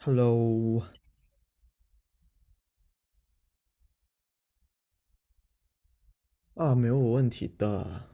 Hello，啊，没有问题的。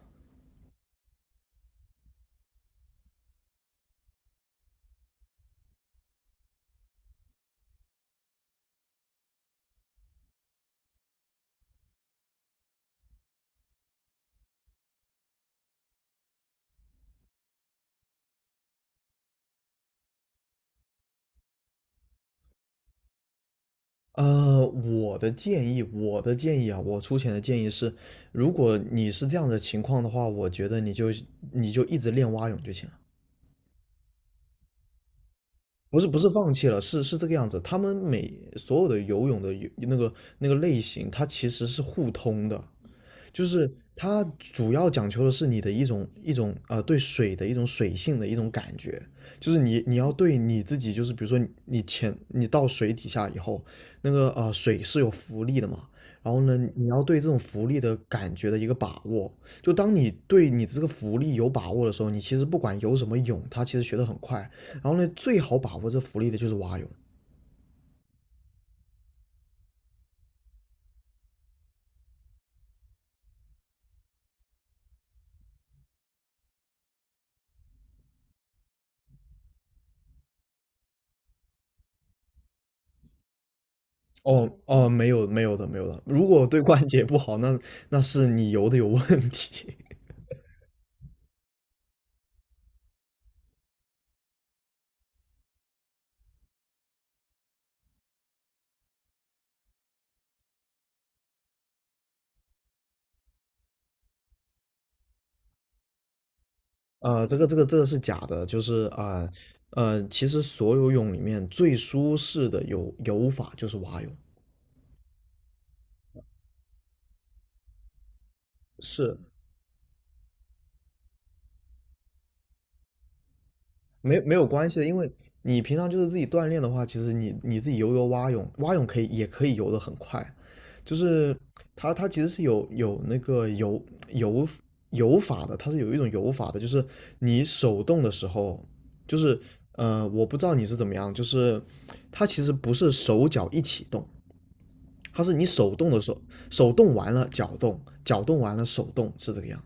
我的建议，我的建议啊，我出钱的建议是，如果你是这样的情况的话，我觉得你就一直练蛙泳就行了。不是不是放弃了，是这个样子。他们每所有的游泳的游那个类型，它其实是互通的。就是它主要讲求的是你的一种对水的一种水性的一种感觉，就是你要对你自己，就是比如说你潜到水底下以后，那个水是有浮力的嘛，然后呢你要对这种浮力的感觉的一个把握，就当你对你的这个浮力有把握的时候，你其实不管游什么泳，它其实学得很快，然后呢最好把握这浮力的就是蛙泳。哦哦，没有没有的没有的，如果对关节不好，那是你游的有问题。这个是假的，就是啊其实所有泳里面最舒适的游法就是蛙泳，是，没有关系的，因为你平常就是自己锻炼的话，其实你自己游蛙泳，蛙泳可以也可以游得很快，就是它其实是有那个游游法的，它是有一种游法的，就是你手动的时候，就是我不知道你是怎么样，就是它其实不是手脚一起动。它是你手动的手，手动完了脚动，脚动完了手动，是这个样。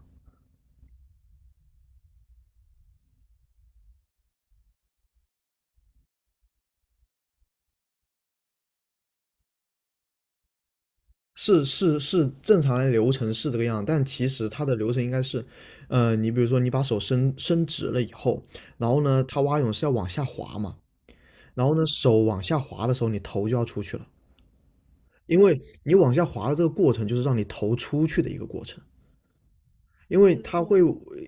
是是是，正常的流程是这个样，但其实它的流程应该是，你比如说你把手伸伸直了以后，然后呢，它蛙泳是要往下滑嘛，然后呢，手往下滑的时候，你头就要出去了，因为你往下滑的这个过程就是让你头出去的一个过程，因为它会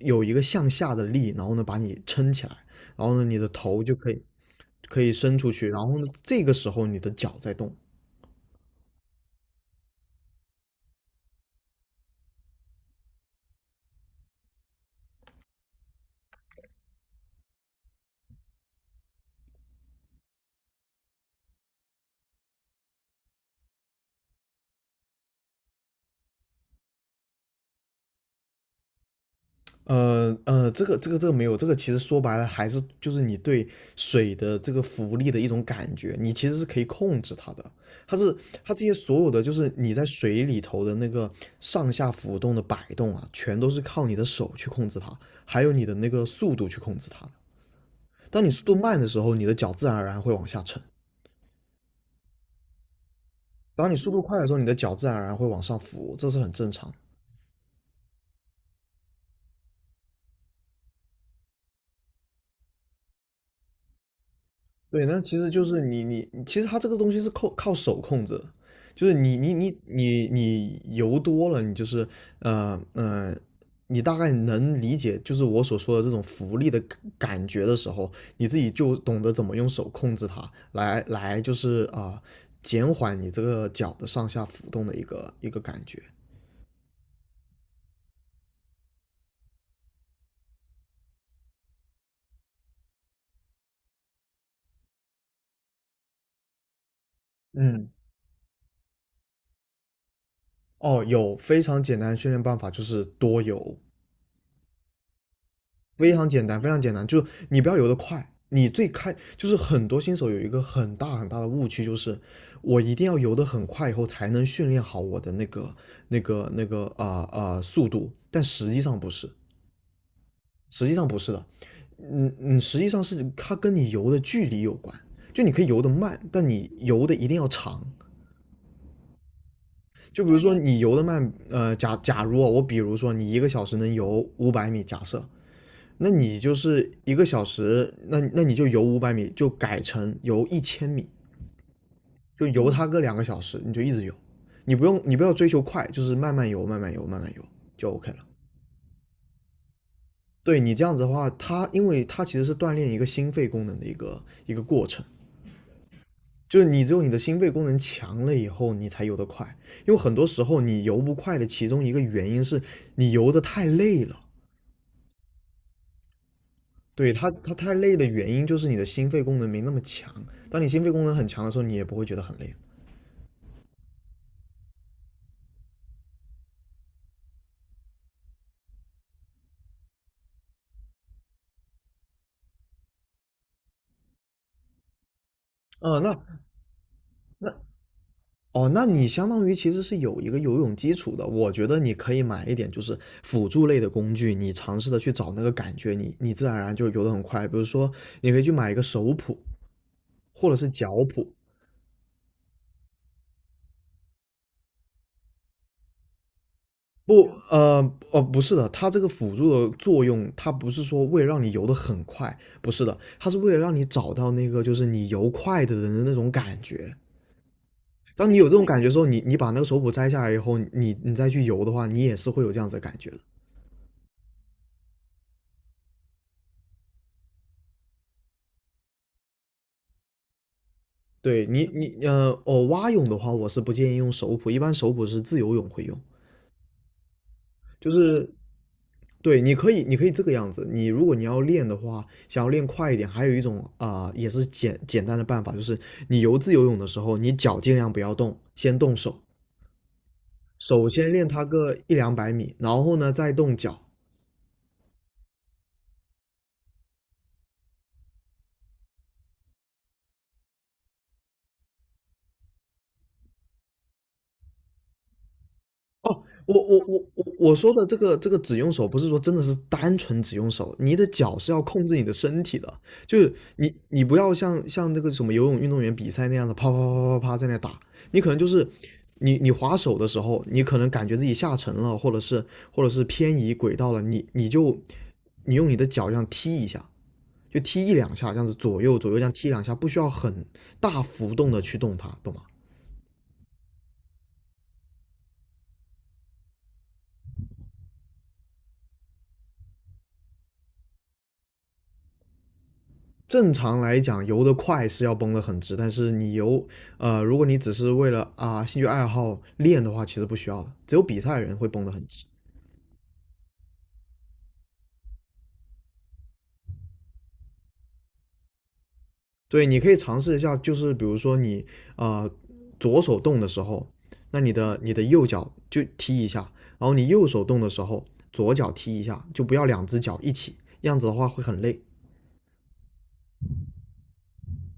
有一个向下的力，然后呢把你撑起来，然后呢你的头就可以伸出去，然后呢这个时候你的脚在动，这个没有，这个其实说白了还是就是你对水的这个浮力的一种感觉，你其实是可以控制它的。它是它这些所有的就是你在水里头的那个上下浮动的摆动啊，全都是靠你的手去控制它，还有你的那个速度去控制它的。当你速度慢的时候，你的脚自然而然会往下沉；当你速度快的时候，你的脚自然而然会往上浮，这是很正常。对，那其实就是你其实它这个东西是靠手控制的。就是你油多了，你就是呃呃，你大概能理解就是我所说的这种浮力的感觉的时候，你自己就懂得怎么用手控制它来就是减缓你这个脚的上下浮动的一个一个感觉。嗯，哦，有非常简单的训练办法，就是多游。非常简单，非常简单，就是你不要游得快。你最开就是很多新手有一个很大很大的误区，就是我一定要游得很快，以后才能训练好我的那个速度。但实际上不是，实际上不是的。实际上是它跟你游的距离有关。就你可以游得慢，但你游的一定要长。就比如说你游得慢，假如啊，我比如说你一个小时能游五百米，假设，那你就是一个小时，那你就游五百米，就改成游一千米，就游它个2个小时，你就一直游，你不要追求快，就是慢慢游，慢慢游，慢慢游就 OK 了。对，你这样子的话，它因为它其实是锻炼一个心肺功能的一个一个过程，就是你只有你的心肺功能强了以后，你才游得快。因为很多时候你游不快的其中一个原因是你游得太累了，对，它太累的原因就是你的心肺功能没那么强。当你心肺功能很强的时候，你也不会觉得很累。哦，那哦，那你相当于其实是有一个游泳基础的。我觉得你可以买一点就是辅助类的工具，你尝试的去找那个感觉，你自然而然就游得很快。比如说，你可以去买一个手蹼或者是脚蹼。不，哦，不是的，它这个辅助的作用，它不是说为了让你游得很快，不是的，它是为了让你找到那个就是你游快的人的那种感觉。当你有这种感觉的时候，你把那个手蹼摘下来以后，你再去游的话，你也是会有这样子的感觉的。对，你蛙泳的话，我是不建议用手蹼，一般手蹼是自由泳会用，就是对，你可以这个样子。你如果你要练的话，想要练快一点，还有一种也是简单的办法，就是你游自由泳的时候，你脚尽量不要动，先动手，首先练它个一两百米，然后呢再动脚，哦，我说的这个只用手，不是说真的是单纯只用手，你的脚是要控制你的身体的，就是你不要像那个什么游泳运动员比赛那样的啪啪啪啪啪在那打，你可能就是你划手的时候，你可能感觉自己下沉了，或者是偏移轨道了，你用你的脚这样踢一下，就踢一两下，这样子左右左右这样踢两下，不需要很大幅度的去动它，懂吗？正常来讲，游得快是要绷得很直，但是你游，如果你只是为了兴趣爱好练的话，其实不需要的。只有比赛的人会绷得很直。对，你可以尝试一下，就是比如说你呃左手动的时候，那你的右脚就踢一下，然后你右手动的时候，左脚踢一下，就不要两只脚一起，这样子的话会很累。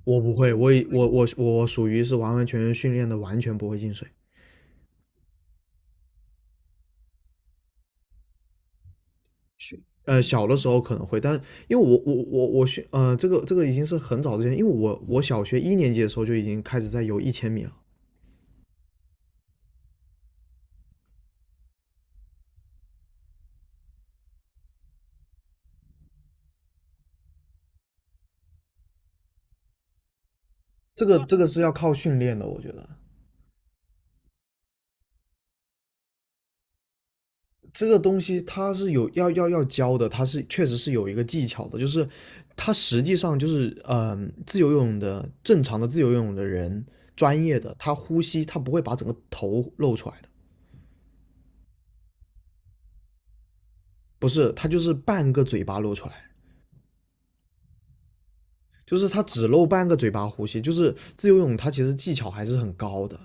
我不会，我属于是完完全全训练的，完全不会进水。小的时候可能会，但因为我我我我学这个已经是很早之前，因为我小学一年级的时候就已经开始在游一千米了。这个是要靠训练的，我觉得这个东西它是有要教的，它是确实是有一个技巧的，就是它实际上就是自由游泳的正常的自由游泳的人，专业的他呼吸他不会把整个头露出来的，不是，他就是半个嘴巴露出来。就是他只露半个嘴巴呼吸，就是自由泳，他其实技巧还是很高的，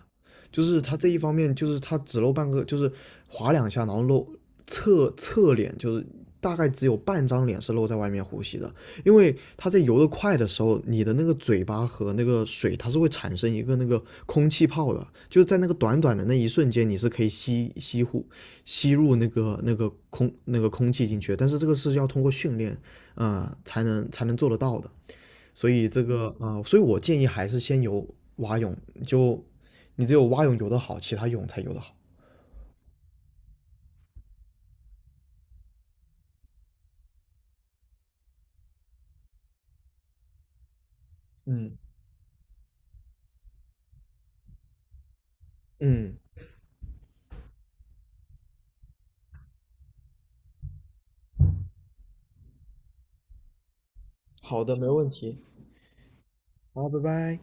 就是他这一方面，就是他只露半个，就是划两下，然后露侧脸，就是大概只有半张脸是露在外面呼吸的，因为他在游得快的时候，你的那个嘴巴和那个水，它是会产生一个那个空气泡的，就是在那个短短的那一瞬间，你是可以吸入那个那个空那个空气进去。但是这个是要通过训练才能做得到的。所以所以我建议还是先游蛙泳，就你只有蛙泳游得好，其他泳才游得好。嗯嗯，好的，没问题。好，拜拜。